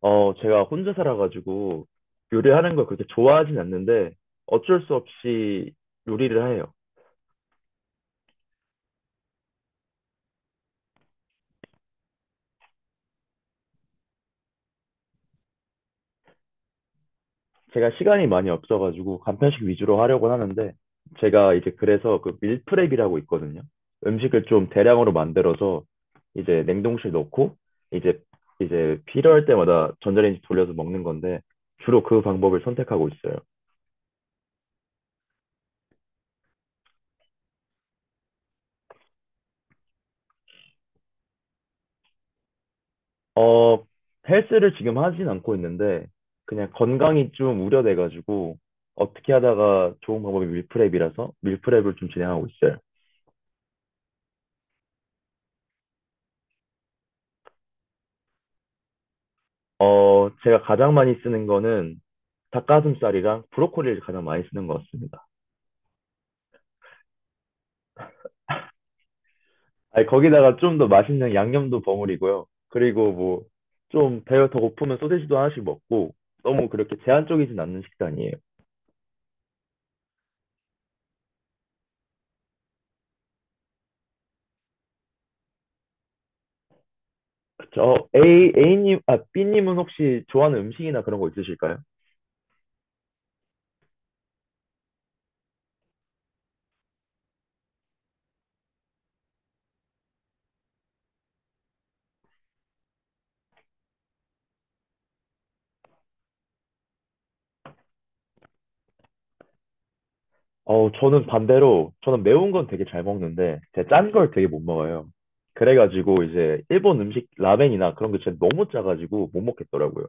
제가 혼자 살아가지고 요리하는 걸 그렇게 좋아하진 않는데 어쩔 수 없이 요리를 해요. 제가 시간이 많이 없어가지고 간편식 위주로 하려고 하는데 제가 이제 그래서 그 밀프렙이라고 있거든요. 음식을 좀 대량으로 만들어서 이제 냉동실 넣고 이제 이제 필요할 때마다 전자레인지 돌려서 먹는 건데 주로 그 방법을 선택하고 있어요. 어, 헬스를 지금 하진 않고 있는데, 그냥 건강이 좀 우려돼가지고, 어떻게 하다가 좋은 방법이 밀프렙이라서 밀프렙을 좀 진행하고 있어요. 제가 가장 많이 쓰는 거는 닭가슴살이랑 브로콜리를 가장 많이 쓰는 것 같습니다. 아니, 거기다가 좀 더 맛있는 양념도 버무리고요. 그리고 뭐, 좀 배가 더 고프면 소세지도 하나씩 먹고, 너무 그렇게 제한적이진 않는 식단이에요. B님은 혹시 좋아하는 음식이나 그런 거 있으실까요? 저는 반대로, 저는 매운 건 되게 잘 먹는데, 제가 짠 걸 되게 못 먹어요. 그래가지고, 이제, 일본 음식, 라멘이나 그런 게 진짜 너무 짜가지고 못 먹겠더라고요.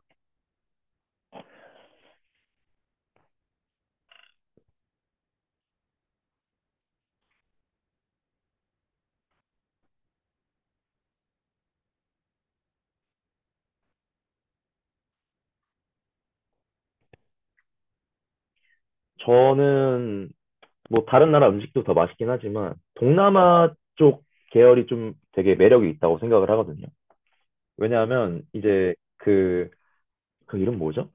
저는, 뭐, 다른 나라 음식도 더 맛있긴 하지만, 동남아 쪽 계열이 좀 되게 매력이 있다고 생각을 하거든요. 왜냐하면, 이제, 그 이름 뭐죠?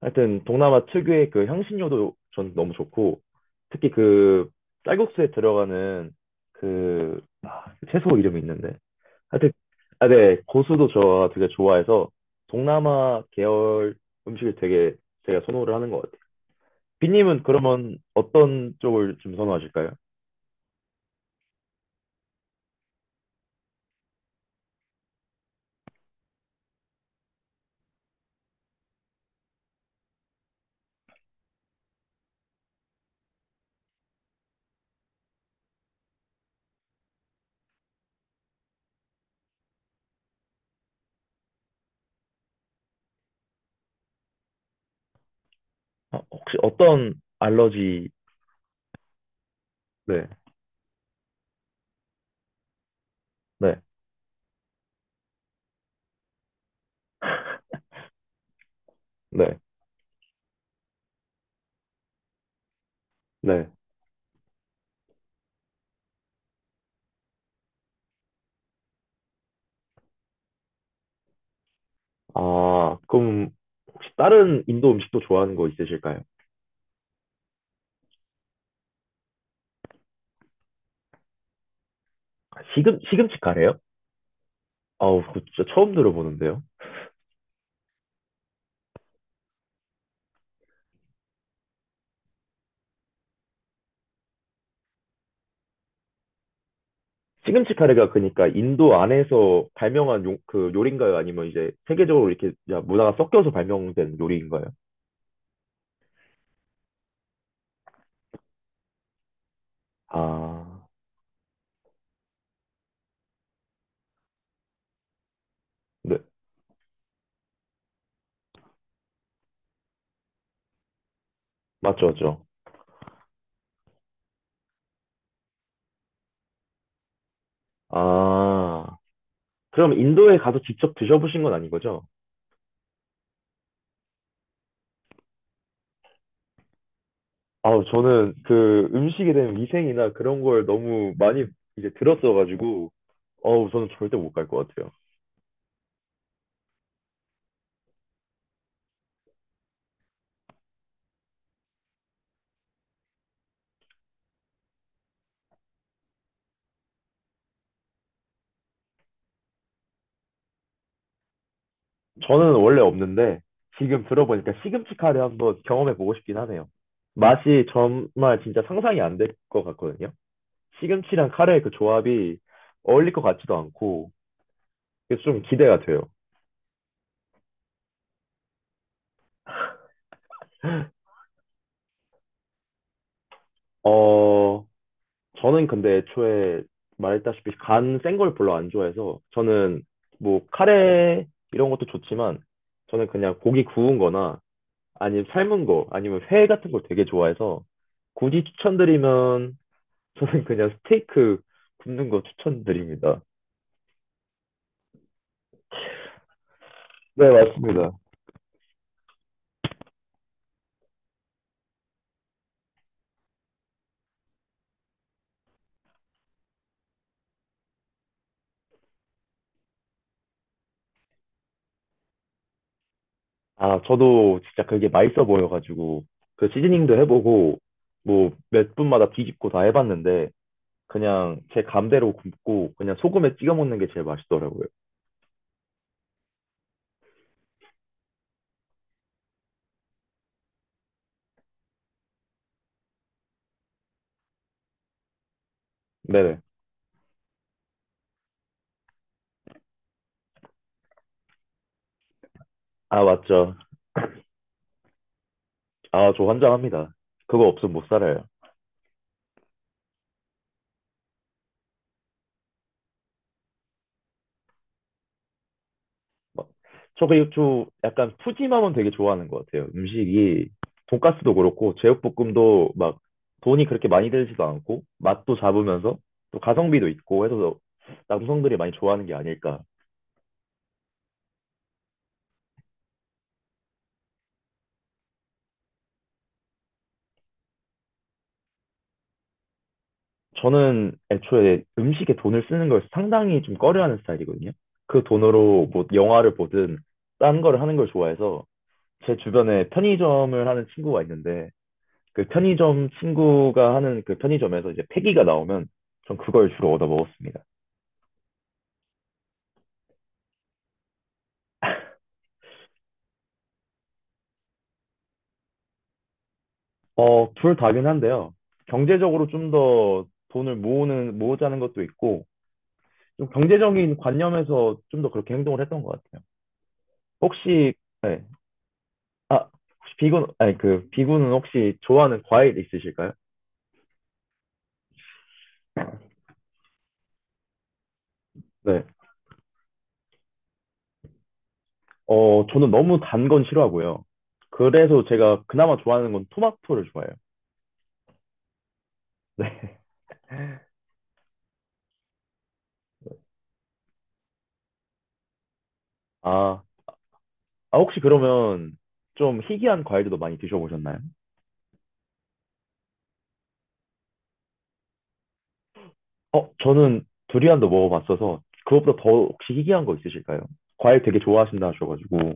하여튼, 동남아 특유의 그 향신료도 전 너무 좋고, 특히 쌀국수에 들어가는 그 채소 이름이 있는데, 하여튼, 아, 네, 고수도 저 되게 좋아해서 동남아 계열 음식을 되게 제가 선호를 하는 것 같아요. 빈님은 그러면 어떤 쪽을 좀 선호하실까요? 아, 혹시 어떤 알러지, 네, 네, 네, 네. 아, 그럼 혹시 다른 인도 음식도 좋아하는 거 있으실까요? 시금치 카레요? 아우, 그 진짜 처음 들어보는데요. 시금치 카레가 그러니까 인도 안에서 그 요리인가요? 아니면 이제 세계적으로 이렇게 문화가 섞여서 발명된 요리인가요? 아, 네. 맞죠, 맞죠. 아, 그럼 인도에 가서 직접 드셔보신 건 아닌 거죠? 아우, 저는 그 음식에 대한 위생이나 그런 걸 너무 많이 이제 들었어가지고, 어우, 저는 절대 못 갈 것 같아요. 저는 원래 없는데, 지금 들어보니까 시금치카레 한번 경험해보고 싶긴 하네요. 맛이 정말 진짜 상상이 안 될 것 같거든요. 시금치랑 카레의 그 조합이 어울릴 것 같지도 않고, 그래서 좀 기대가 돼요. 어, 저는 근데 애초에 말했다시피 간 센 걸 별로 안 좋아해서 저는 뭐 카레 이런 것도 좋지만 저는 그냥 고기 구운 거나 아니면 삶은 거 아니면 회 같은 걸 되게 좋아해서 굳이 추천드리면 저는 그냥 스테이크 굽는 거 추천드립니다. 네, 맞습니다. 아, 저도 진짜 그게 맛있어 보여가지고, 그 시즈닝도 해보고, 뭐, 몇 분마다 뒤집고 다 해봤는데, 그냥 제 감대로 굽고, 그냥 소금에 찍어 먹는 게 제일 맛있더라고요. 네네. 아, 맞죠. 아, 저 환장합니다. 그거 없으면 못 살아요. 막, 저 그 저 약간 푸짐함은 되게 좋아하는 것 같아요. 음식이 돈가스도 그렇고 제육볶음도 막 돈이 그렇게 많이 들지도 않고 맛도 잡으면서 또 가성비도 있고 해서 남성들이 많이 좋아하는 게 아닐까. 저는 애초에 음식에 돈을 쓰는 걸 상당히 좀 꺼려하는 스타일이거든요. 그 돈으로 뭐 영화를 보든 딴 거를 하는 걸 좋아해서 제 주변에 편의점을 하는 친구가 있는데 그 편의점 친구가 하는 그 편의점에서 이제 폐기가 나오면 전 그걸 주로 얻어 먹었습니다. 어, 둘 다긴 한데요. 경제적으로 좀 더 모으자는 것도 있고, 좀 경제적인 관념에서 좀 더 그렇게 행동을 했던 것 같아요. 혹시, 네. 아, 혹시 비군, 아니, 그, 비군은 혹시 좋아하는 과일 있으실까요? 네. 저는 너무 단건 싫어하고요. 그래서 제가 그나마 좋아하는 건 토마토를 좋아해요. 네. 아, 아, 혹시 그러면 좀 희귀한 과일들도 많이 드셔보셨나요? 어, 저는 두리안도 먹어봤어서 그것보다 더 혹시 희귀한 거 있으실까요? 과일 되게 좋아하신다 하셔가지고.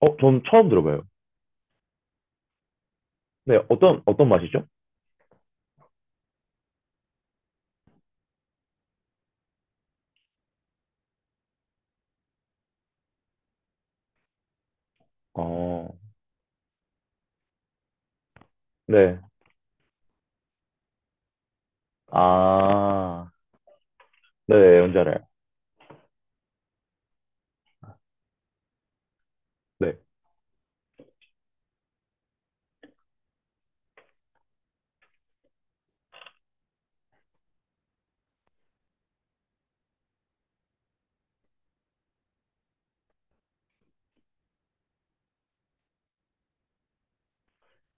어, 전 처음 들어봐요. 어떤 맛이죠? 어, 네. 아, 네, 네, 뭔지 알아요. 네.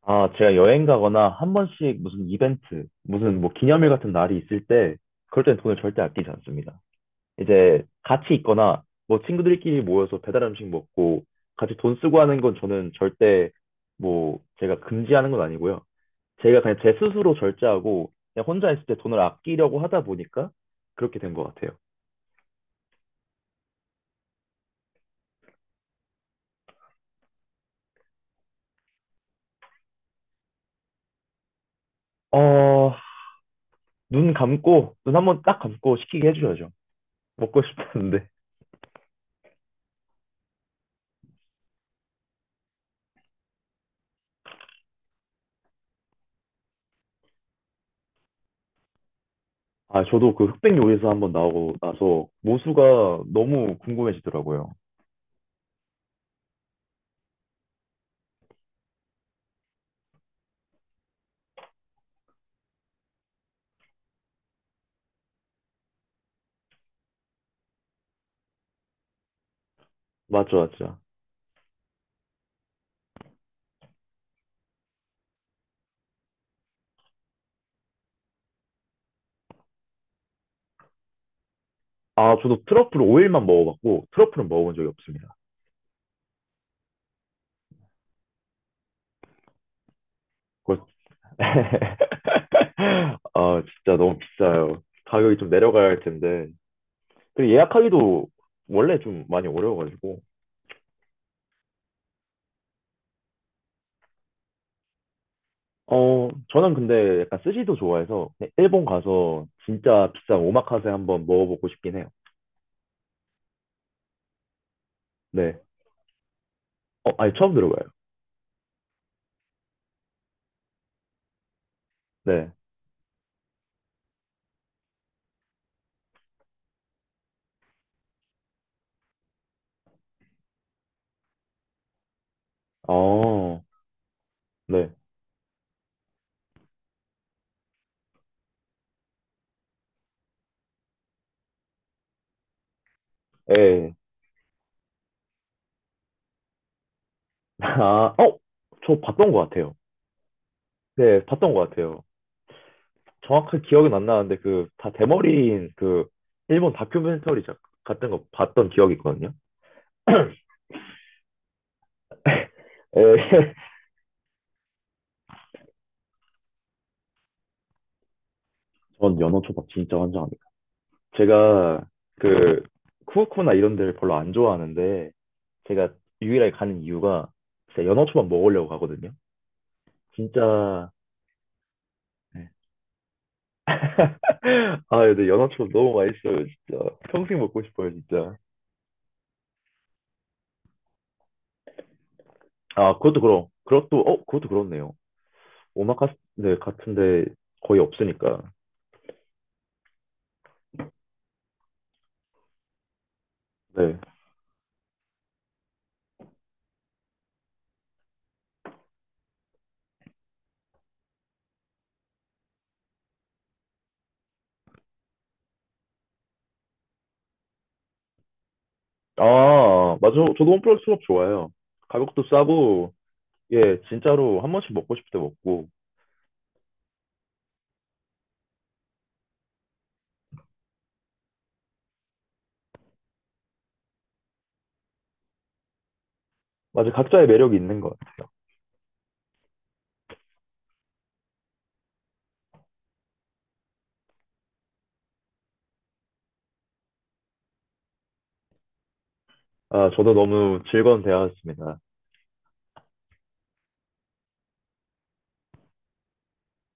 아, 제가 여행 가거나 한 번씩 무슨 이벤트, 무슨 뭐 기념일 같은 날이 있을 때, 그럴 땐 돈을 절대 아끼지 않습니다. 이제 같이 있거나 뭐 친구들끼리 모여서 배달 음식 먹고 같이 돈 쓰고 하는 건 저는 절대 뭐 제가 금지하는 건 아니고요. 제가 그냥 제 스스로 절제하고 그냥 혼자 있을 때 돈을 아끼려고 하다 보니까 그렇게 된 것 같아요. 어, 눈 한 번 딱 감고 시키게 해줘야죠. 먹고 싶었는데. 아, 저도 그 흑백 요리사 한번 나오고 나서 모수가 너무 궁금해지더라고요. 맞죠, 맞죠. 아, 저도 트러플 오일만 먹어봤고 트러플은 먹어본 적이 없습니다. 아, 진짜 너무 비싸요. 가격이 좀 내려가야 할 텐데. 그리고 예약하기도 원래 좀 많이 어려워가지고. 어, 저는 근데 약간 스시도 좋아해서 그냥 일본 가서 진짜 비싼 오마카세 한번 먹어보고 싶긴 해요. 네. 어, 아니, 처음 들어봐요. 네. 어, 네. 예. 아, 어, 저 봤던 것 같아요. 네, 봤던 것 같아요. 정확한 기억은 안 나는데 그 다 대머리인 그 일본 같은 거 봤던 기억이 있거든요. 에 전 연어 초밥 진짜 환장합니다. 제가 그 쿠오쿠나 이런 데를 별로 안 좋아하는데 제가 유일하게 가는 이유가 진짜 연어 초밥 먹으려고 가거든요. 진짜 아 근데 연어 초밥 너무 맛있어요 진짜 평생 먹고 싶어요 진짜. 아 그것도 그럼 그것도 어 그것도 그렇네요. 오마카세 네, 같은데 거의 없으니까. 네. 아 맞아 저도 홈플러스 초밥 좋아해요. 가격도 싸고 예 진짜로 한 번씩 먹고 싶을 때 먹고 맞아, 각자의 매력이 있는 것. 아, 저도 너무 즐거운 대화였습니다.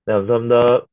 네, 감사합니다.